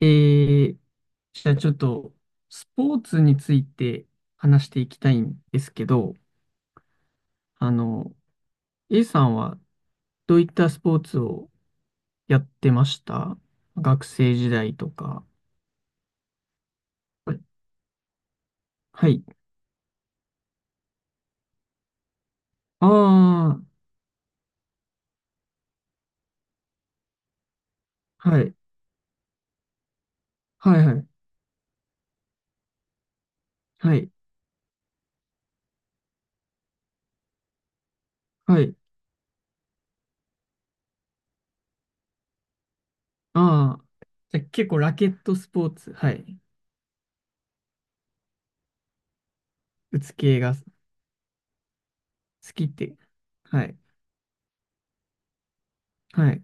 えー、じゃあちょっと、スポーツについて話していきたいんですけど、あの、A さんはどういったスポーツをやってました、学生時代とか？はい。はい。ああ、はい。はいはい。はい。はい。ああ。じゃあ結構ラケットスポーツ。はい。打つ系が好きって。はい。はい。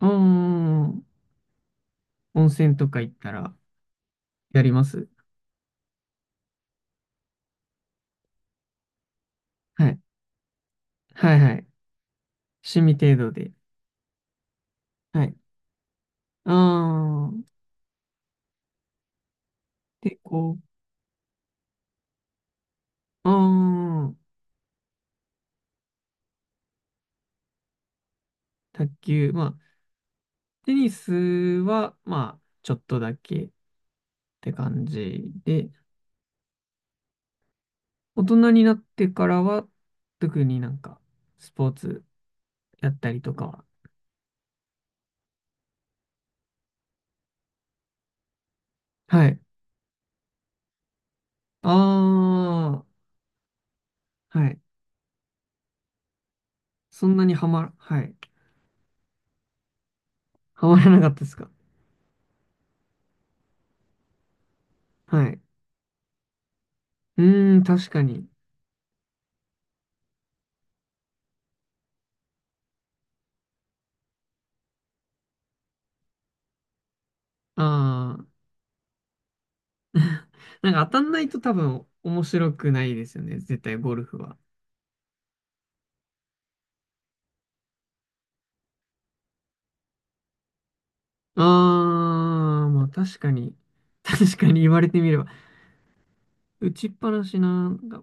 ああ、温泉とか行ったらやります。はい。はいはい。趣味程度で。はい。ああ、で、こう、ああ、卓球。まあ、テニスは、まあ、ちょっとだけって感じで、大人になってからは、特になんか、スポーツやったりとかは。はい。ああ、はい。そんなにはま、はい。はまらなかったですか？はい。うーん、確かに。ああ、なんか当たんないと多分面白くないですよね。絶対ゴルフは。あー、まあ確かに、確かに言われてみれば、打ちっぱなしな、なんか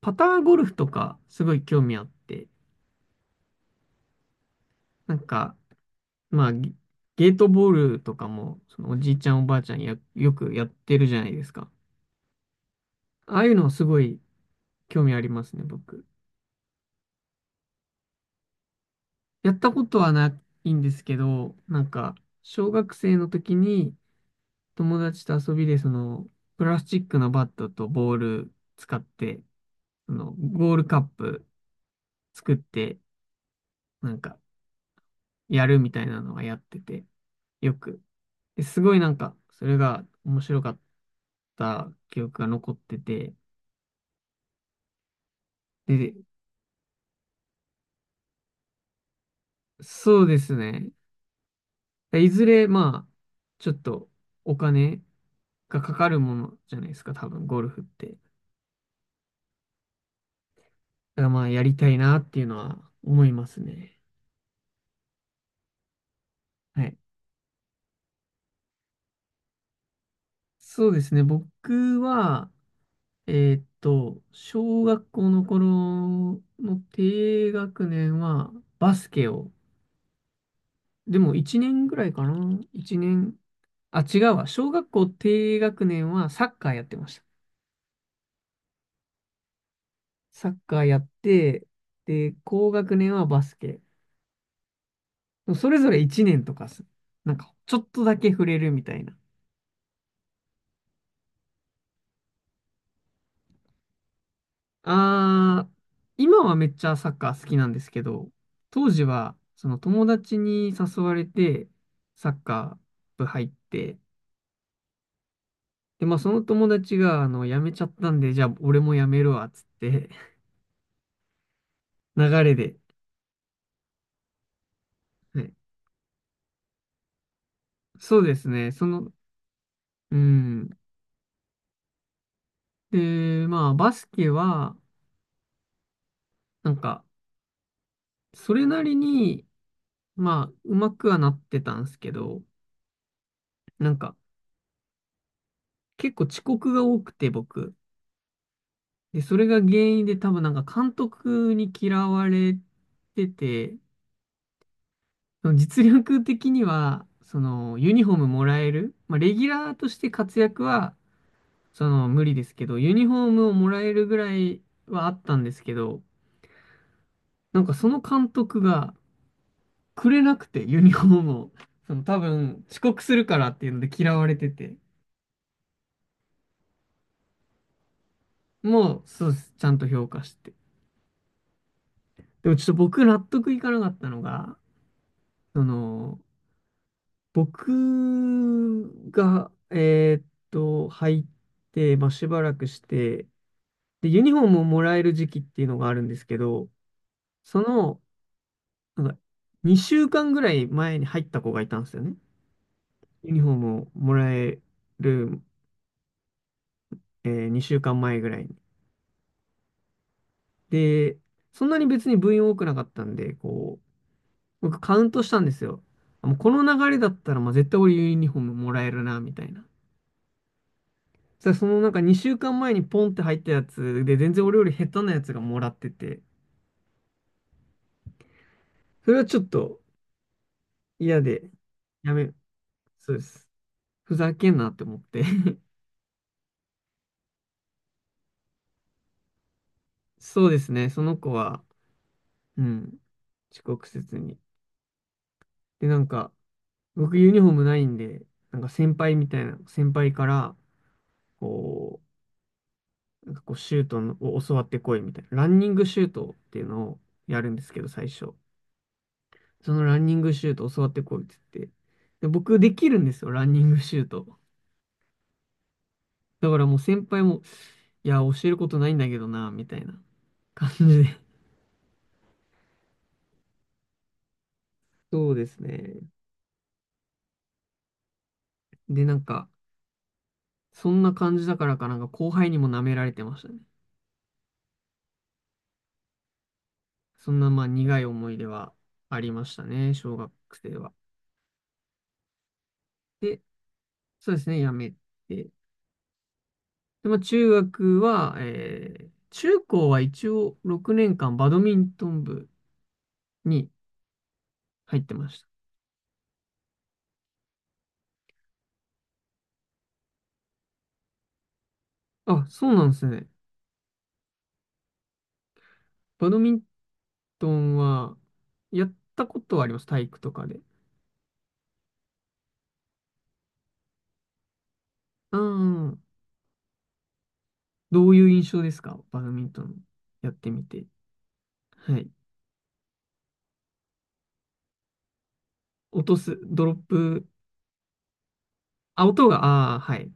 パターゴルフとかすごい興味あって、なんか、まあ、ゲートボールとかも、そのおじいちゃんおばあちゃんや、よくやってるじゃないですか。ああいうのすごい興味ありますね、僕。やったことはないんですけど、なんか、小学生の時に友達と遊びで、その、プラスチックのバットとボール使って、その、ゴールカップ作って、なんか、やるみたいなのはやってて、よく。ですごいなんか、それが面白かった記憶が残ってて、で、そうですね。いずれ、まあ、ちょっとお金がかかるものじゃないですか、多分、ゴルフって。だからまあ、やりたいなっていうのは思いますね。はい。そうですね。僕は、小学校の頃の低学年はバスケを、でも1年ぐらいかな。1年。あ、違うわ。小学校低学年はサッカーやってました。サッカーやって、で、高学年はバスケ。それぞれ1年とか。なんか、ちょっとだけ触れるみたいな。あー、今はめっちゃサッカー好きなんですけど、当時は、その友達に誘われて、サッカー部入って、で、まあその友達が、辞めちゃったんで、じゃあ俺も辞めるわ、つって、流れで、はい、そうですね。その、うん。で、まあ、バスケは、なんか、それなりに、まあ、うまくはなってたんですけど、なんか、結構遅刻が多くて、僕。で、それが原因で、多分なんか、監督に嫌われてて、その実力的には、その、ユニフォームもらえる、まあ、レギュラーとして活躍は、その、無理ですけど、ユニフォームをもらえるぐらいはあったんですけど、なんかその監督が、くれなくて、ユニフォームを。その多分、遅刻するからっていうので嫌われてて、もう、そうです。ちゃんと評価して。でもちょっと僕納得いかなかったのが、その、僕が、入って、まあ、しばらくして、で、ユニフォームをもらえる時期っていうのがあるんですけど、その、なんか、2週間ぐらい前に入った子がいたんですよね。ユニフォームをもらえる、2週間前ぐらいに。で、そんなに別に部員多くなかったんで、こう、僕カウントしたんですよ。もうこの流れだったら、まあ、絶対俺ユニフォームもらえるな、みたいな。そしたらそのなんか2週間前にポンって入ったやつで、全然俺より下手なやつがもらってて、それはちょっと嫌で、やめ、そうです。ふざけんなって思って そうですね、その子は、うん、遅刻せずに。で、なんか、僕ユニフォームないんで、なんか先輩みたいな、先輩から、こう、なんかこうシュートを教わってこいみたいな。ランニングシュートっていうのをやるんですけど、最初。そのランニングシュート教わってこいって言って。で、僕できるんですよ、ランニングシュート。だからもう先輩も、いや、教えることないんだけどな、みたいな感じで。そうですね。で、なんか、そんな感じだからかなんか後輩にも舐められてましたね。そんなまあ苦い思い出はありましたね、小学生は。で、そうですね、やめて。で、まあ、中学は、中高は一応6年間バドミントン部に入ってました。あ、そうなんですね。バドミントンは、やったことはあります。体育とかで。うん。どういう印象ですか、バドミントンやってみて？はい。落とす、ドロップ。あ、音が、ああ、はい。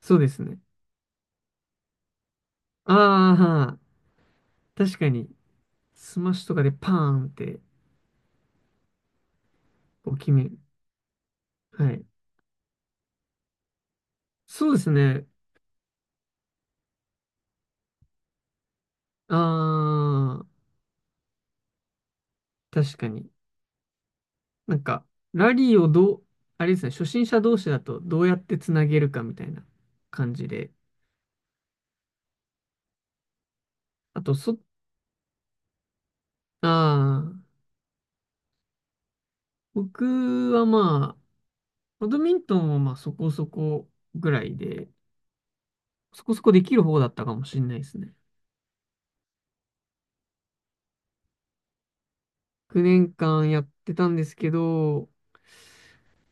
そうですね。ああ、確かに、スマッシュとかでパーンってこう決める。はい。そうですね。ああ、確かに。なんか、ラリーをどう、あれですね、初心者同士だとどうやってつなげるかみたいな感じで。あと、ああ、僕はまあ、バドミントンもまあそこそこぐらいで、そこそこできる方だったかもしれないですね。9年間やってたんですけど、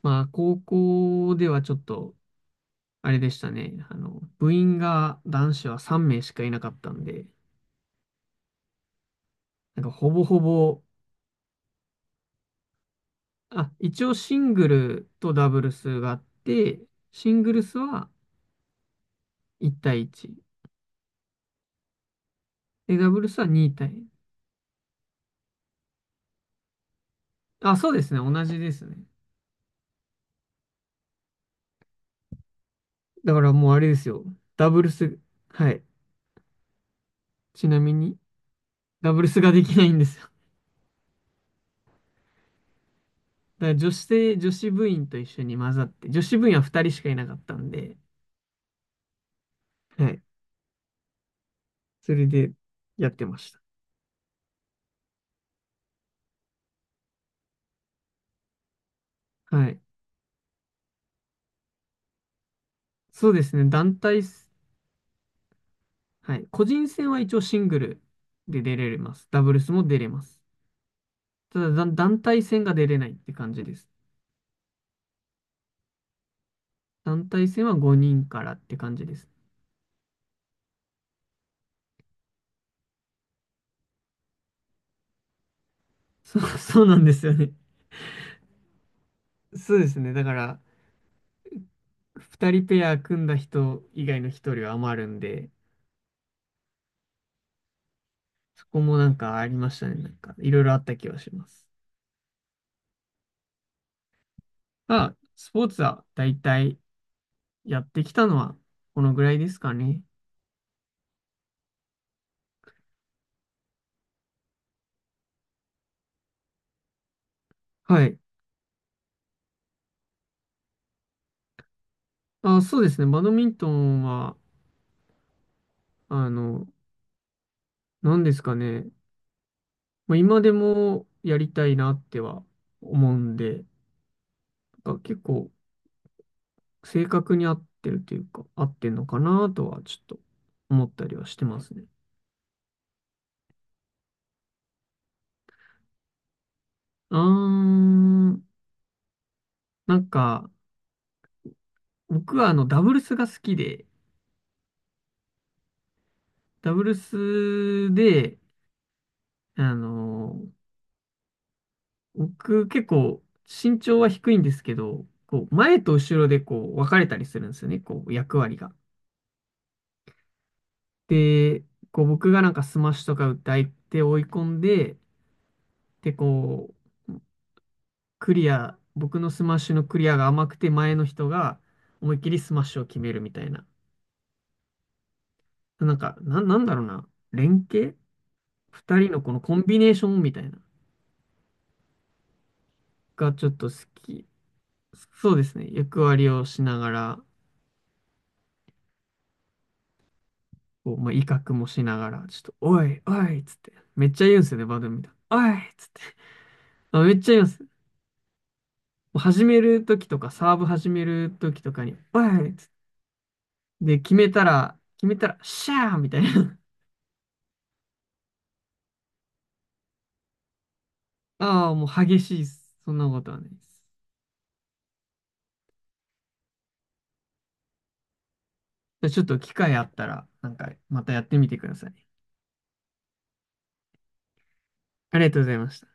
まあ、高校ではちょっと、あれでしたね。部員が男子は3名しかいなかったんで、なんかほぼほぼあ、一応シングルとダブルスがあって、シングルスは1対1。で、ダブルスは2対。あ、そうですね。同じですね。だからもうあれですよ。ダブルス、はい。ちなみに、ダブルスができないんですよ。だから女子部員と一緒に混ざって、女子部員は2人しかいなかったんで、はい。それでやってました。はい。そうですね。団体す、はい。個人戦は一応シングルで出れます。ダブルスも出れます。ただ、団体戦が出れないって感じです。団体戦は5人からって感じです。そう、そうなんですよね。そうですね。だから、2人ペア組んだ人以外の1人は余るんで、そこもなんかありましたね。なんか、いろいろあった気はします。まあ、スポーツは大体やってきたのはこのぐらいですかね。はい。あ、そうですね。バドミントンは、あの、何ですかね。まあ、今でもやりたいなっては思うんで、なんか結構、正確に合ってるっていうか、合ってんのかなとはちょっと思ったりはしてますね。うーん、なんか、僕はダブルスが好きで、ダブルスで、あのー、僕結構身長は低いんですけど、こう、前と後ろでこう、分かれたりするんですよね、こう、役割が。で、こう、僕がなんかスマッシュとか打って相手を追い込んで、で、こう、クリア、僕のスマッシュのクリアが甘くて前の人が思いっきりスマッシュを決めるみたいな。なんか、なんだろうな。連携二人のこのコンビネーションみたいな。がちょっと好き。そうですね。役割をしながら、こう、まあ、威嚇もしながら、ちょっと、おい、おいっつって。めっちゃ言うんですよね、バドミントン。おいっつって。あ、めっちゃ言うんです。始めるときとか、サーブ始めるときとかに、おいっつって。で、決めたら、決めたら、シャーみたいな。ああ、もう激しいっす。そんなことはないです。じゃあちょっと機会あったら、なんかまたやってみてください。ありがとうございました。